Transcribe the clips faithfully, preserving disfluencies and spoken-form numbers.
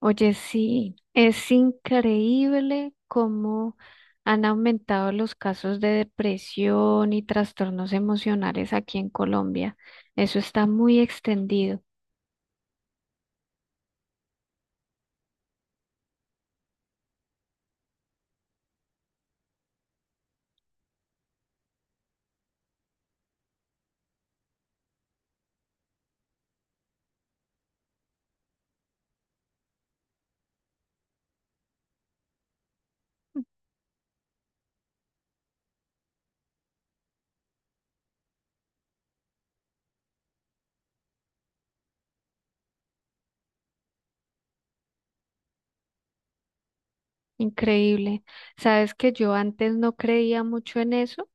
Oye, sí, es increíble cómo han aumentado los casos de depresión y trastornos emocionales aquí en Colombia. Eso está muy extendido, increíble. Sabes que yo antes no creía mucho en eso.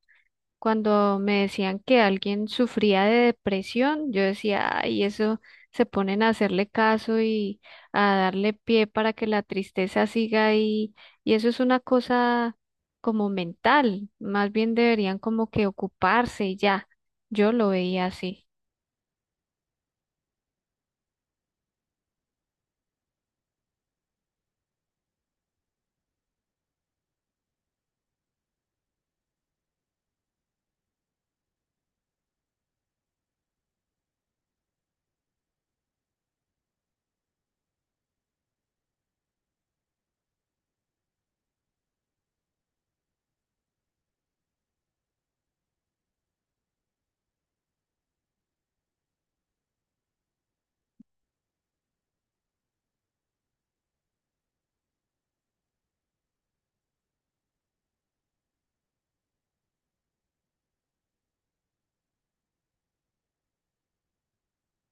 Cuando me decían que alguien sufría de depresión, yo decía, ay, eso se ponen a hacerle caso y a darle pie para que la tristeza siga ahí. Y eso es una cosa como mental, más bien deberían como que ocuparse y ya. Yo lo veía así.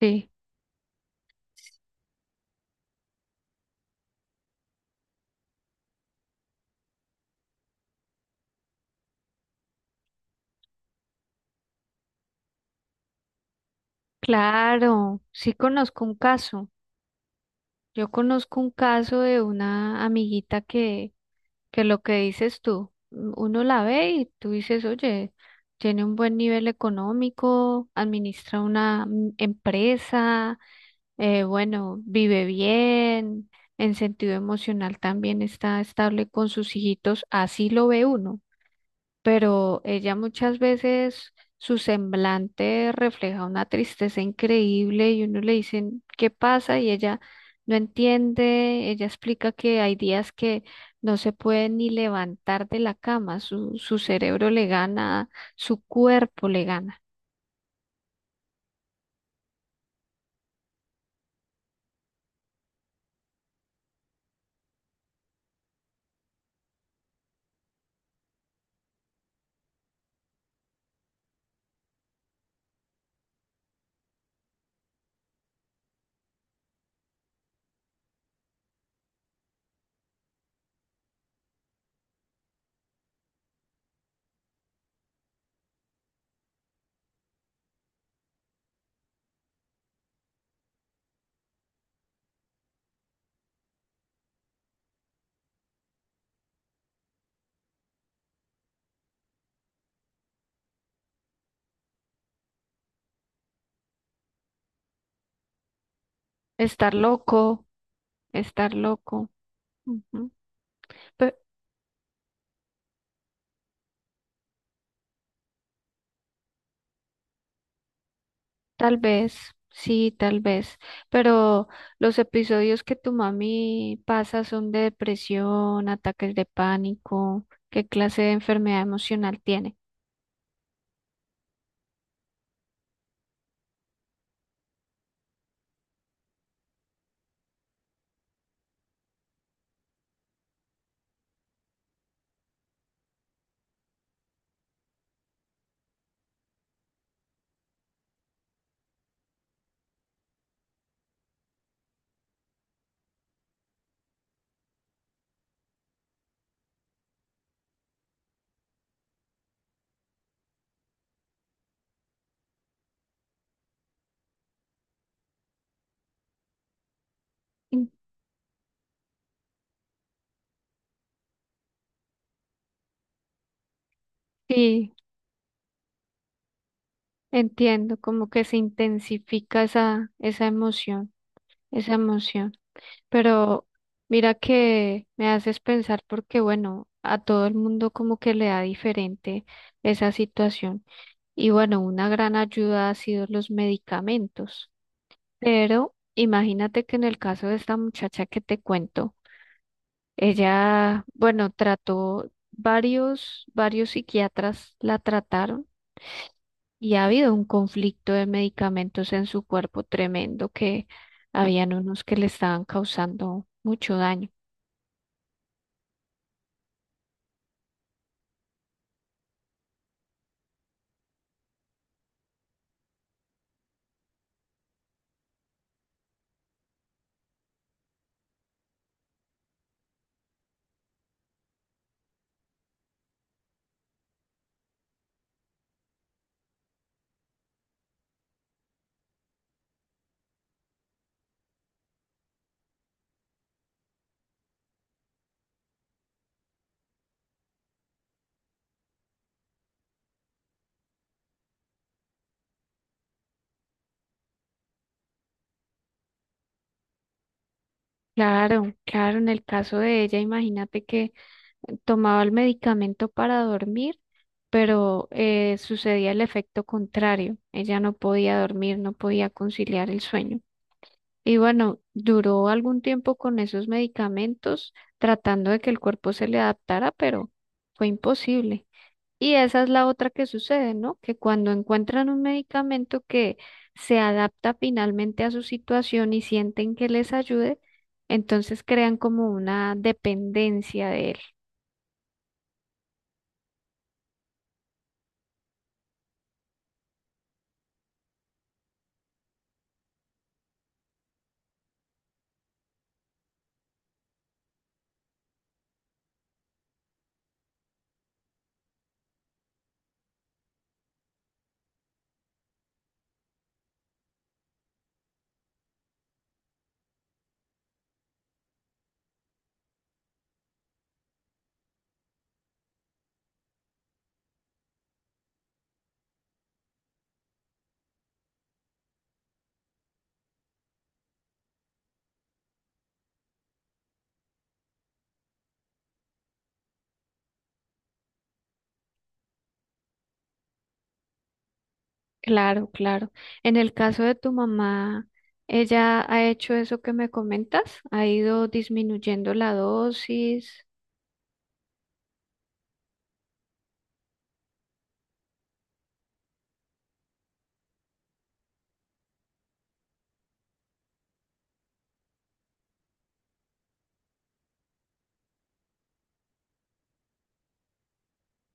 Sí, claro, sí conozco un caso. Yo conozco un caso de una amiguita que que lo que dices tú, uno la ve y tú dices, oye, tiene un buen nivel económico, administra una mm, empresa, eh, bueno, vive bien, en sentido emocional también está estable con sus hijitos, así lo ve uno, pero ella muchas veces su semblante refleja una tristeza increíble y uno le dice, ¿qué pasa? Y ella no entiende, ella explica que hay días que no se puede ni levantar de la cama, su, su cerebro le gana, su cuerpo le gana. Estar loco, estar loco. Ujú. Pe- Tal vez, sí, tal vez, pero los episodios que tu mami pasa son de depresión, ataques de pánico, ¿qué clase de enfermedad emocional tiene? Mm. Sí, entiendo, como que se intensifica esa, esa emoción, esa emoción, pero mira que me haces pensar porque, bueno, a todo el mundo como que le da diferente esa situación y bueno, una gran ayuda ha sido los medicamentos. Pero imagínate que en el caso de esta muchacha que te cuento, ella, bueno, trató varios, varios psiquiatras la trataron y ha habido un conflicto de medicamentos en su cuerpo tremendo, que habían unos que le estaban causando mucho daño. Claro, claro, en el caso de ella, imagínate que tomaba el medicamento para dormir, pero eh, sucedía el efecto contrario. Ella no podía dormir, no podía conciliar el sueño. Y bueno, duró algún tiempo con esos medicamentos tratando de que el cuerpo se le adaptara, pero fue imposible. Y esa es la otra que sucede, ¿no? Que cuando encuentran un medicamento que se adapta finalmente a su situación y sienten que les ayude, entonces crean como una dependencia de él. Claro, claro. En el caso de tu mamá, ella ha hecho eso que me comentas, ha ido disminuyendo la dosis.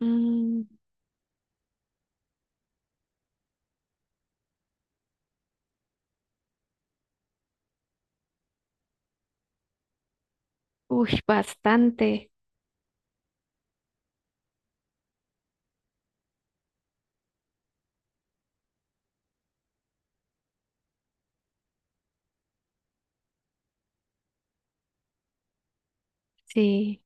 Mm. Uy, bastante. Sí,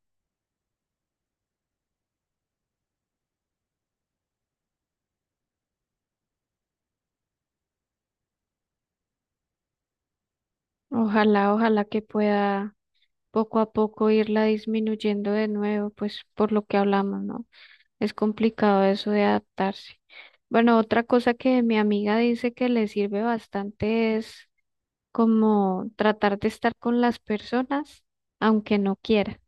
ojalá, ojalá que pueda poco a poco irla disminuyendo de nuevo, pues por lo que hablamos, ¿no? Es complicado eso de adaptarse. Bueno, otra cosa que mi amiga dice que le sirve bastante es como tratar de estar con las personas, aunque no quiera.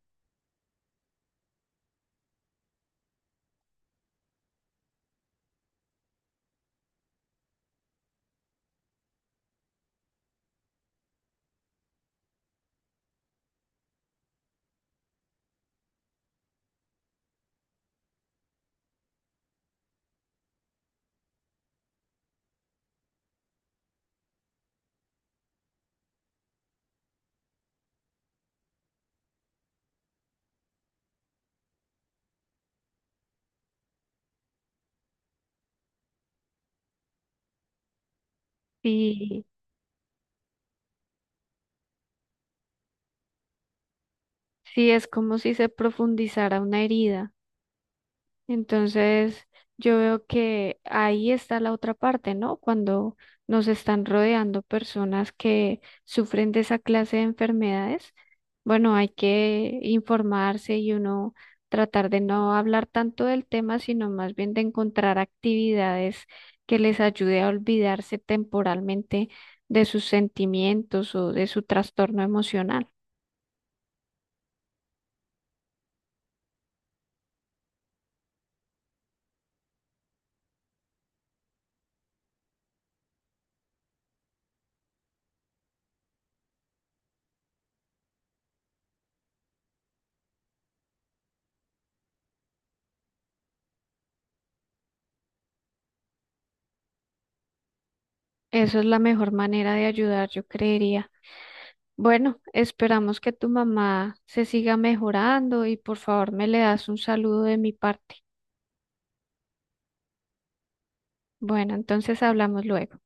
Sí, sí, es como si se profundizara una herida. Entonces, yo veo que ahí está la otra parte, ¿no? Cuando nos están rodeando personas que sufren de esa clase de enfermedades, bueno, hay que informarse y uno tratar de no hablar tanto del tema, sino más bien de encontrar actividades que les ayude a olvidarse temporalmente de sus sentimientos o de su trastorno emocional. Eso es la mejor manera de ayudar, yo creería. Bueno, esperamos que tu mamá se siga mejorando y por favor me le das un saludo de mi parte. Bueno, entonces hablamos luego.